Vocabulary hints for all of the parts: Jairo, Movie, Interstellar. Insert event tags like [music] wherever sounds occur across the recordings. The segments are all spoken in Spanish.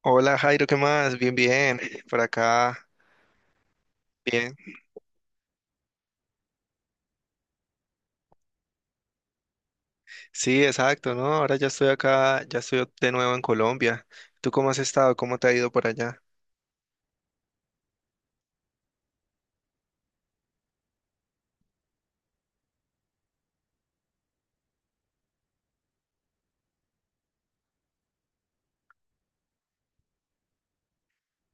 Hola Jairo, ¿qué más? Bien, bien, por acá, bien. Sí, exacto, ¿no? Ahora ya estoy acá, ya estoy de nuevo en Colombia. ¿Tú cómo has estado? ¿Cómo te ha ido por allá?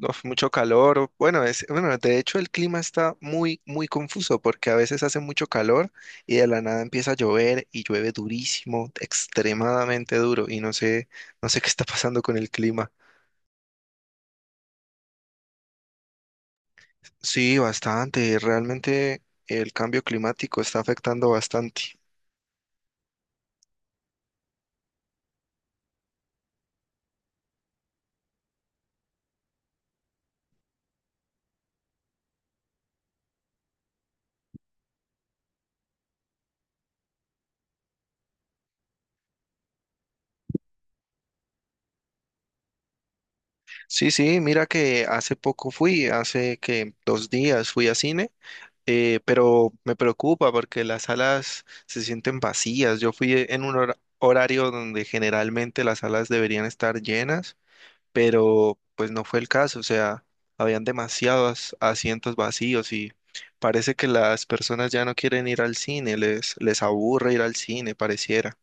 Uf, mucho calor. Bueno, de hecho el clima está muy confuso porque a veces hace mucho calor y de la nada empieza a llover y llueve durísimo, extremadamente duro y no sé qué está pasando con el clima. Sí, bastante. Realmente el cambio climático está afectando bastante. Sí, sí, mira que hace poco fui, hace que 2 días fui a cine, pero me preocupa porque las salas se sienten vacías. Yo fui en un horario donde generalmente las salas deberían estar llenas, pero pues no fue el caso, o sea, habían demasiados asientos vacíos y parece que las personas ya no quieren ir al cine, les aburre ir al cine, pareciera.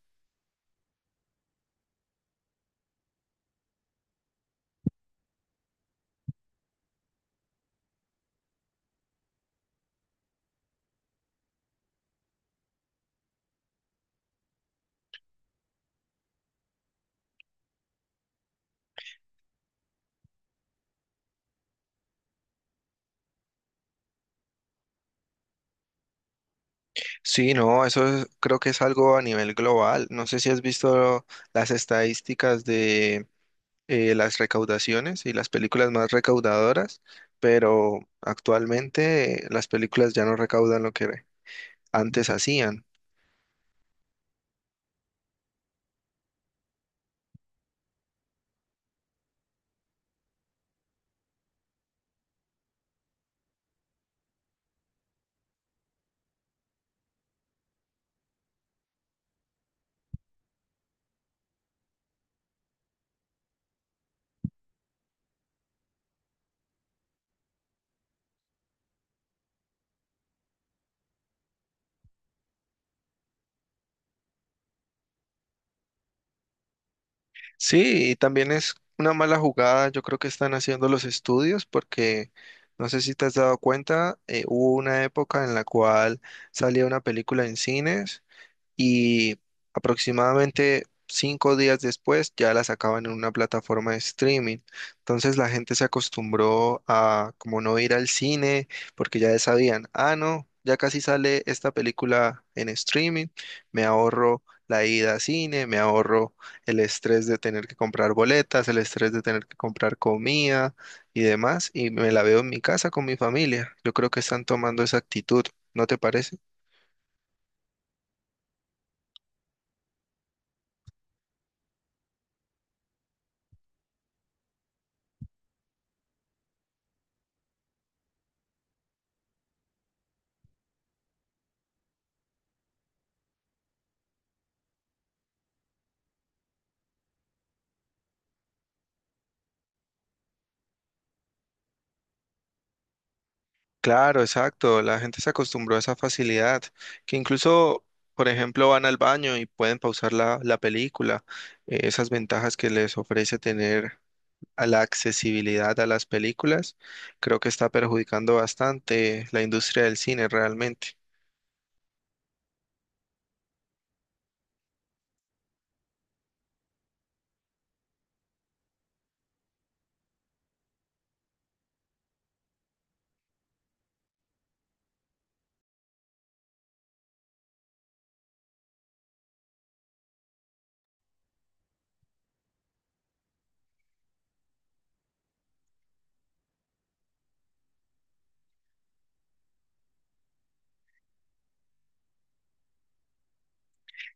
Sí, no, creo que es algo a nivel global. No sé si has visto las estadísticas de las recaudaciones y las películas más recaudadoras, pero actualmente las películas ya no recaudan lo que antes hacían. Sí, y también es una mala jugada, yo creo que están haciendo los estudios porque no sé si te has dado cuenta, hubo una época en la cual salía una película en cines y aproximadamente 5 días después ya la sacaban en una plataforma de streaming. Entonces la gente se acostumbró a como no ir al cine porque ya sabían, ah, no, ya casi sale esta película en streaming, me ahorro la ida a cine, me ahorro el estrés de tener que comprar boletas, el estrés de tener que comprar comida y demás, y me la veo en mi casa con mi familia. Yo creo que están tomando esa actitud, ¿no te parece? Claro, exacto. La gente se acostumbró a esa facilidad, que incluso, por ejemplo, van al baño y pueden pausar la película. Esas ventajas que les ofrece tener a la accesibilidad a las películas, creo que está perjudicando bastante la industria del cine realmente.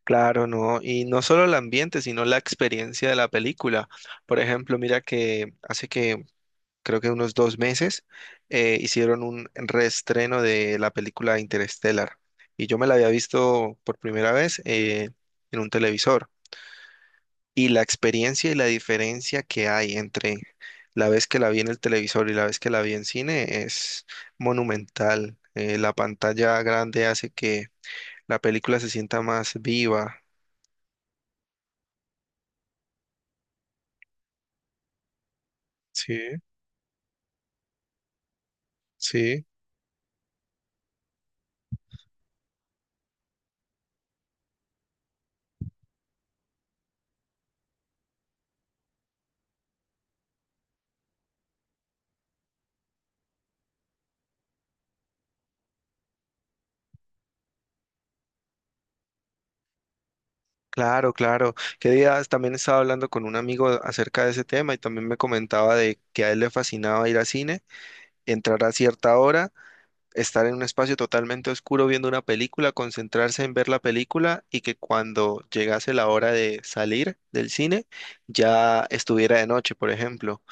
Claro, no. Y no solo el ambiente, sino la experiencia de la película. Por ejemplo, mira que hace que creo que unos 2 meses, hicieron un reestreno de la película Interstellar. Y yo me la había visto por primera vez en un televisor. Y la experiencia y la diferencia que hay entre la vez que la vi en el televisor y la vez que la vi en cine es monumental. La pantalla grande hace que la película se sienta más viva. Sí, sí. Claro, claro. Qué días también estaba hablando con un amigo acerca de ese tema y también me comentaba de que a él le fascinaba ir al cine, entrar a cierta hora, estar en un espacio totalmente oscuro viendo una película, concentrarse en ver la película y que cuando llegase la hora de salir del cine ya estuviera de noche, por ejemplo,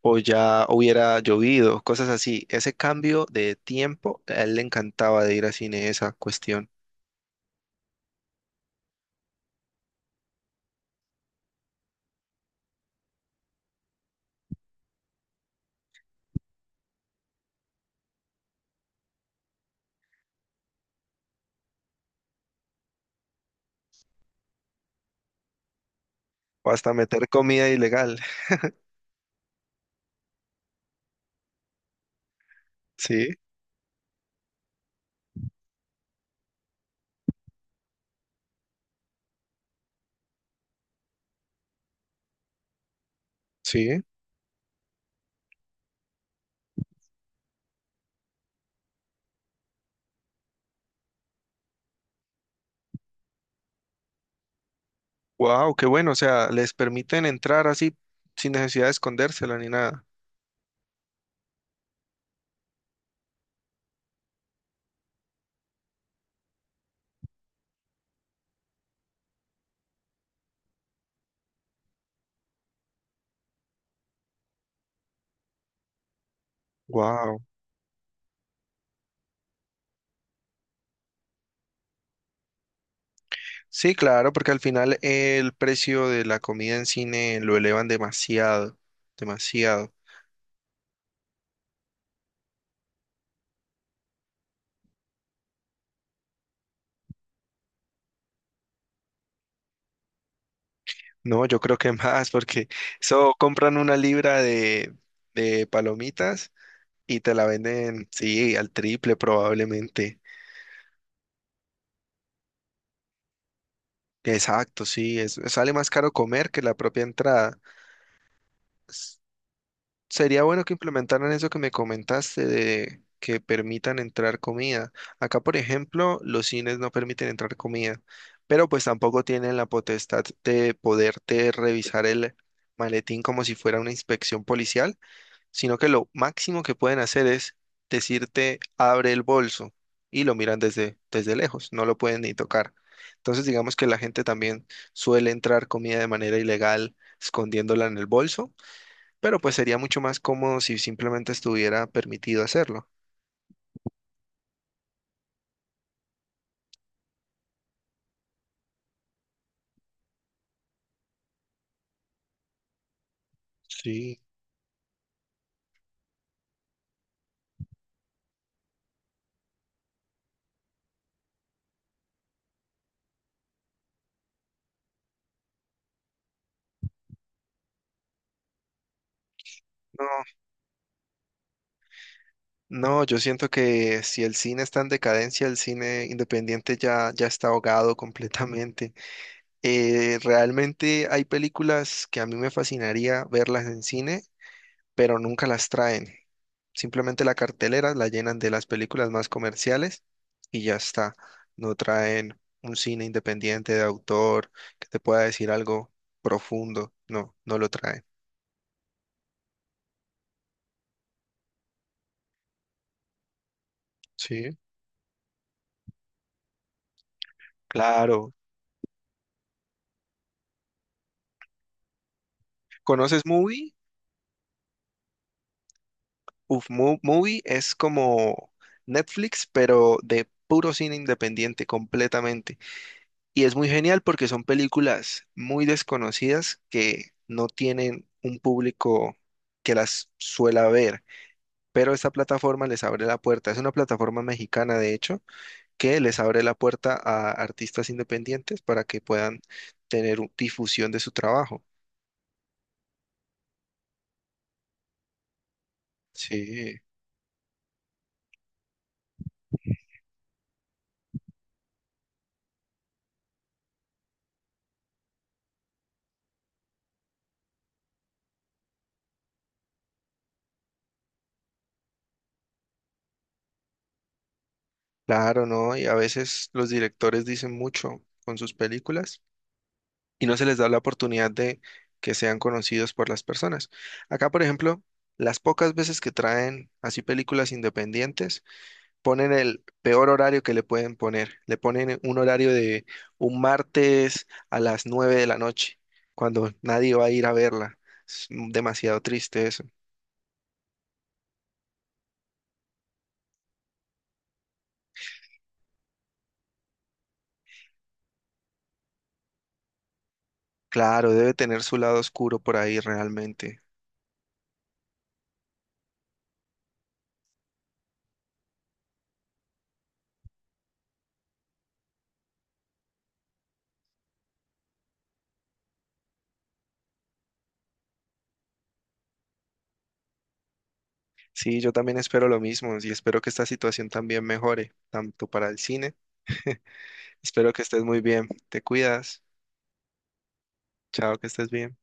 o ya hubiera llovido, cosas así. Ese cambio de tiempo, a él le encantaba de ir al cine, esa cuestión. O hasta meter comida ilegal. [laughs] Sí, sí. Wow, qué bueno, o sea, les permiten entrar así sin necesidad de escondérsela ni nada. Wow. Sí, claro, porque al final el precio de la comida en cine lo elevan demasiado, demasiado. No, yo creo que [laughs] más, porque eso compran una libra de palomitas y te la venden, sí, al triple probablemente. Exacto, sí, es, sale más caro comer que la propia entrada. Sería bueno que implementaran eso que me comentaste de que permitan entrar comida. Acá, por ejemplo, los cines no permiten entrar comida, pero pues tampoco tienen la potestad de poderte revisar el maletín como si fuera una inspección policial, sino que lo máximo que pueden hacer es decirte abre el bolso y lo miran desde, desde lejos, no lo pueden ni tocar. Entonces, digamos que la gente también suele entrar comida de manera ilegal escondiéndola en el bolso pero pues sería mucho más cómodo si simplemente estuviera permitido hacerlo. Sí, No, no, yo siento que si el cine está en decadencia, el cine independiente ya está ahogado completamente. Realmente hay películas que a mí me fascinaría verlas en cine, pero nunca las traen. Simplemente la cartelera la llenan de las películas más comerciales y ya está. No traen un cine independiente de autor que te pueda decir algo profundo. No, no lo traen. Sí, claro. ¿Conoces Movie? Uf, Movie es como Netflix, pero de puro cine independiente completamente. Y es muy genial porque son películas muy desconocidas que no tienen un público que las suela ver, pero esta plataforma les abre la puerta. Es una plataforma mexicana, de hecho, que les abre la puerta a artistas independientes para que puedan tener difusión de su trabajo. Sí. Claro, ¿no? Y a veces los directores dicen mucho con sus películas y no se les da la oportunidad de que sean conocidos por las personas. Acá, por ejemplo, las pocas veces que traen así películas independientes, ponen el peor horario que le pueden poner. Le ponen un horario de un martes a las 9 de la noche, cuando nadie va a ir a verla. Es demasiado triste eso. Claro, debe tener su lado oscuro por ahí realmente. Sí, yo también espero lo mismo y espero que esta situación también mejore, tanto para el cine. [laughs] Espero que estés muy bien. Te cuidas. Chao, que estés bien.